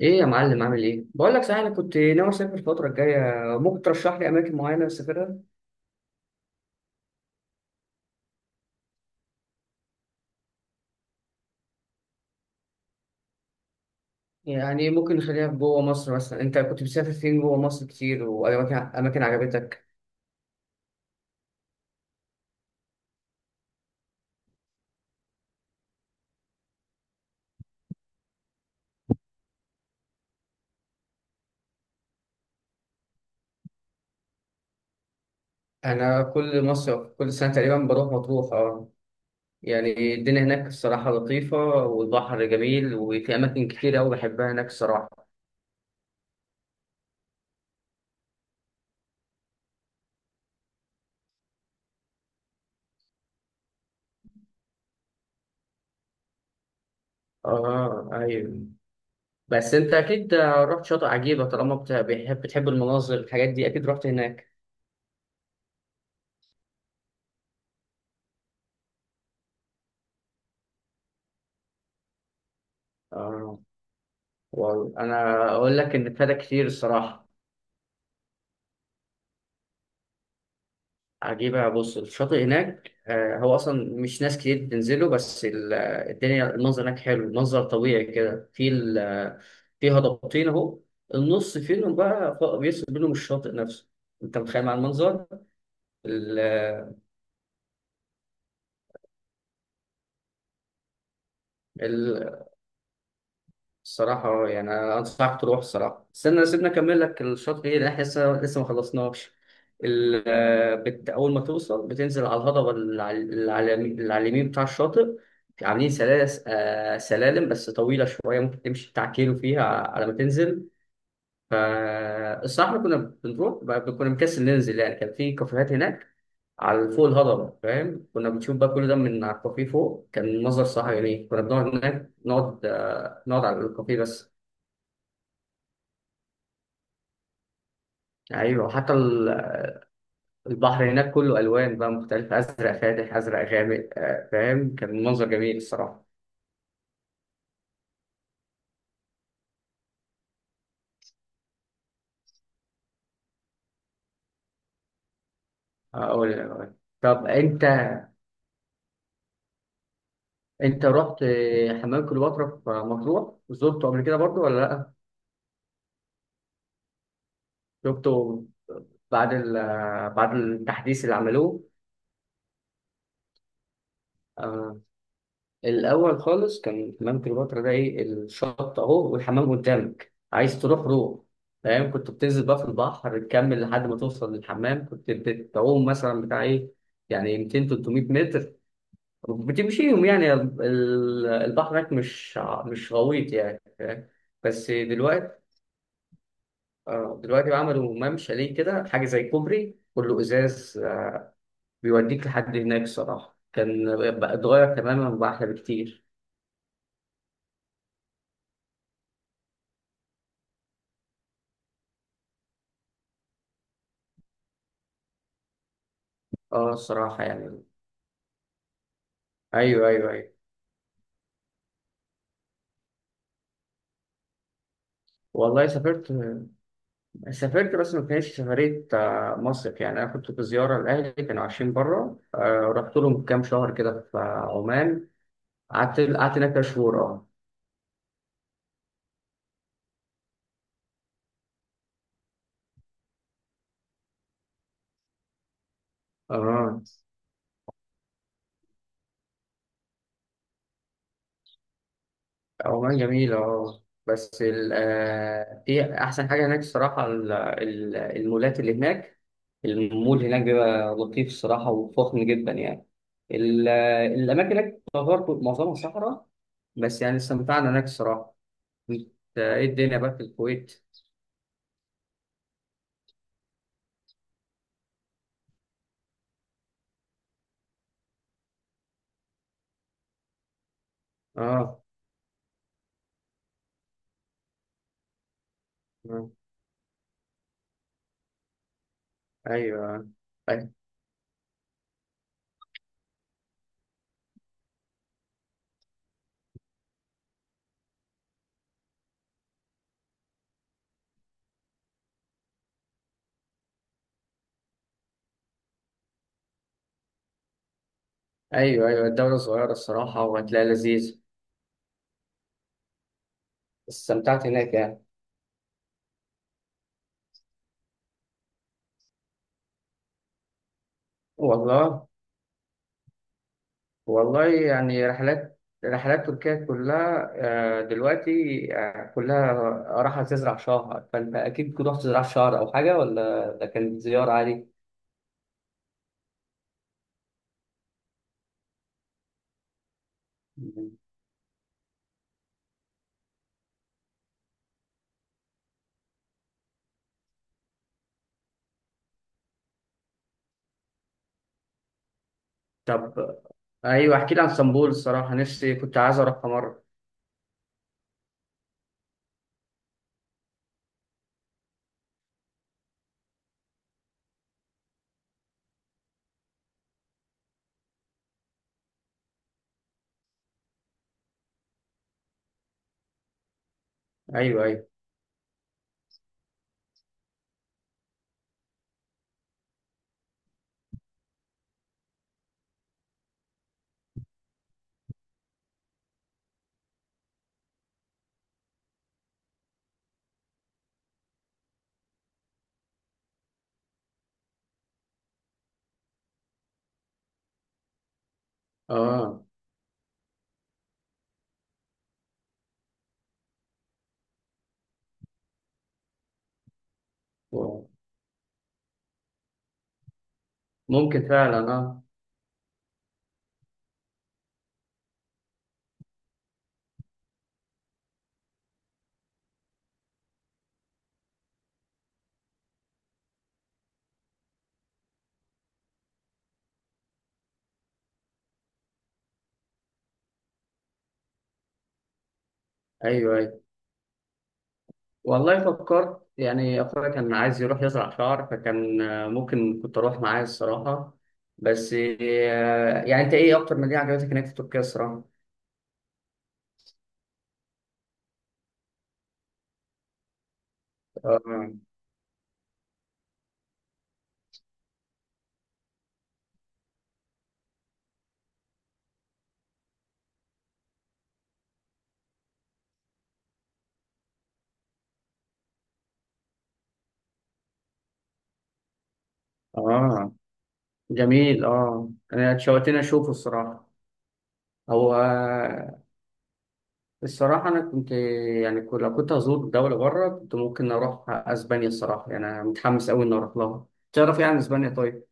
ايه يا معلم عامل ايه؟ بقول لك صحيح انا كنت ناوي اسافر الفترة الجاية. ممكن ترشح لي اماكن معينة اسافرها؟ يعني ممكن نخليها في جوه مصر، مثلا انت كنت بتسافر فين جوه مصر كتير، واماكن اماكن عجبتك؟ انا كل مصر كل سنة تقريبا بروح مطروح، اه. يعني الدنيا هناك الصراحة لطيفة، والبحر جميل، وفي اماكن كتير قوي بحبها هناك الصراحة. اه، ايوه. بس انت اكيد رحت شاطئ عجيبة، طالما بتحب المناظر الحاجات دي، اكيد رحت هناك. اه، والله انا اقول لك ان ابتدى كتير الصراحه. عجيبه، بص، الشاطئ هناك هو اصلا مش ناس كتير بتنزله، بس الدنيا المنظر هناك حلو، منظر طبيعي كده، في في هضبتين اهو. النص فيهم بقى بيفصل بينهم الشاطئ نفسه. انت متخيل مع المنظر. ال- الصراحة يعني أنا أنصحك تروح الصراحة. استنى سيبنا أكمل لك الشاطئ إيه، لأن إحنا لسه ما خلصناش. أول ما توصل بتنزل على الهضبة اللي على اليمين اللي على اليمين بتاع الشاطئ. عاملين سلالس... آه، سلالم بس طويلة شوية، ممكن تمشي بتاع كيلو فيها على ما تنزل. فالصراحة إحنا كنا، كنا مكسل ننزل يعني. كان في كافيهات هناك على فوق الهضبة، فاهم، كنا بنشوف بقى كل ده من على الكافيه فوق، كان منظر صح يعني. كنا بنقعد هناك، نقعد على الكافيه بس. ايوه، حتى البحر هناك كله الوان بقى مختلفه، ازرق فاتح ازرق غامق، فاهم، كان منظر جميل الصراحه. اول الالوان. طب انت، انت رحت حمام كليوباترا في مطروح؟ زرته قبل كده برضو ولا لا؟ شفته بعد بعد التحديث اللي عملوه؟ آه. الاول خالص كان حمام كليوباترا ده ايه، الشط اهو والحمام قدامك، عايز تروح روح. فاهم، كنت بتنزل بقى في البحر تكمل لحد ما توصل للحمام، كنت بتعوم مثلا بتاع ايه، يعني 200 300 متر بتمشيهم يعني. البحر هناك مش غويط يعني، فاهم؟ بس دلوقتي، دلوقتي بقى عملوا ممشى ليه كده، حاجه زي كوبري كله ازاز، بيوديك لحد هناك. صراحه كان بقى اتغير تماما، وبقى احلى بكتير. اه، الصراحه يعني. ايوه، ايوه، ايوه. والله سافرت. سافرت، بس ما كانتش سفريه مصيف يعني، انا كنت في زياره لاهلي، كانوا عايشين بره، رحت لهم كام شهر كده في عمان. قعدت هناك كام شهور، اه. اه، عمان جميله، اه. بس ال... آه، في احسن حاجه هناك الصراحه، المولات اللي هناك. المول هناك بيبقى لطيف الصراحه، وفخم جدا يعني. ال... آه، الاماكن هناك برضه معظمها صحراء، بس يعني استمتعنا هناك الصراحه. انت، ايه الدنيا بقى في الكويت؟ اه. آه. ايوه. أي-، ايوه، ايوه، الدولة صغيرة الصراحة، وهتلاقي لذيذ. استمتعت هناك يعني. والله، والله يعني رحلات، رحلات تركيا كلها دلوقتي كلها راحة تزرع شهر. فأنت أكيد كنت رحت تزرع شهر أو حاجة، ولا ده كانت زيارة عادي؟ مم. طب، أيوه احكي لي عن اسطنبول الصراحة، نفسي كنت عايز أروحها مرة. أيوه، أيوه، آه. و-، ممكن فعلا، آه. أيوه، أيوه، والله فكرت يعني، أخويا كان عايز يروح يزرع شعر، فكان ممكن كنت أروح معاه الصراحة. بس يعني أنت إيه أكتر مدينة عجبتك هناك في تركيا الصراحة؟ آه، آه، جميل، آه، أنا اتشوقتني أشوفه الصراحة. هو الصراحة أنا كنت، يعني لو كنت هزور دولة بره كنت ممكن أروح أسبانيا الصراحة، يعني أنا متحمس أوي إني أروح لها. تعرف يعني أسبانيا طيب؟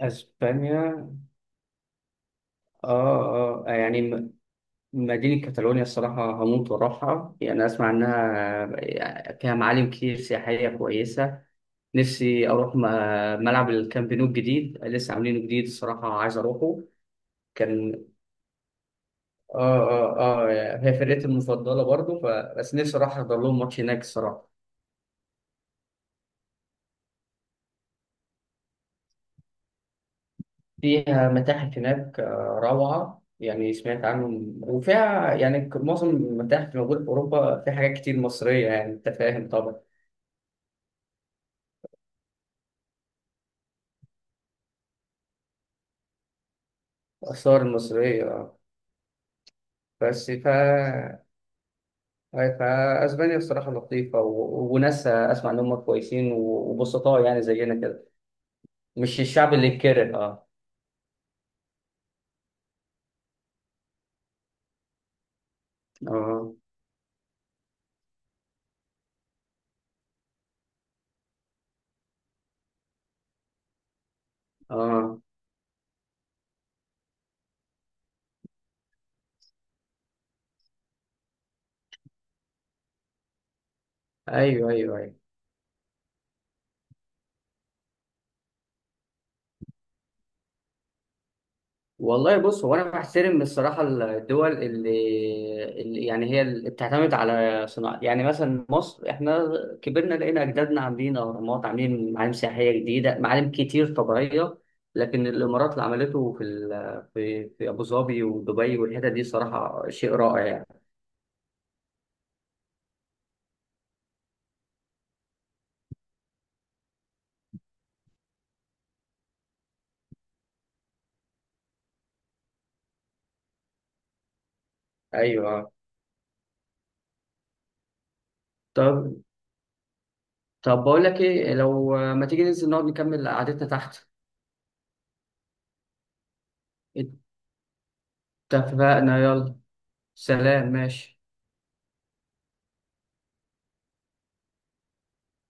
اسبانيا، اه اه يعني، مدينة كاتالونيا الصراحة هموت وأروحها، يعني أسمع إنها فيها معالم كتير سياحية كويسة. نفسي أروح ملعب الكامب نو الجديد، لسه عاملينه جديد الصراحة، عايز أروحه. كان، آه آه آه، هي فرقتي المفضلة برضه ف... بس نفسي أروح أحضر لهم ماتش هناك الصراحة. فيها متاحف هناك روعة يعني، سمعت عنهم. وفيها يعني، معظم المتاحف اللي موجودة في أوروبا فيها حاجات كتير مصرية، يعني أنت فاهم طبعا. الآثار المصرية آه. بس ف، أي، فاسبانيا الصراحه لطيفه، و... وناسها اسمع ان هم كويسين وبسطاء، يعني زينا كده، مش الشعب اللي يتكره، اه. اه، اه، ايوه، ايوه، ايوه. والله بص، هو انا بحترم الصراحه الدول اللي، اللي يعني هي اللي بتعتمد على صناعه. يعني مثلا مصر، احنا كبرنا لقينا اجدادنا عاملين اهرامات، عاملين معالم سياحيه جديده، معالم كتير طبيعيه. لكن الامارات اللي عملته في ال...، في ابو ظبي ودبي والحتت دي، صراحه شيء رائع يعني. ايوه. طب، طب بقول لك ايه، لو ما تيجي ننزل نقعد نكمل قعدتنا تحت؟ اتفقنا، يلا، سلام، ماشي.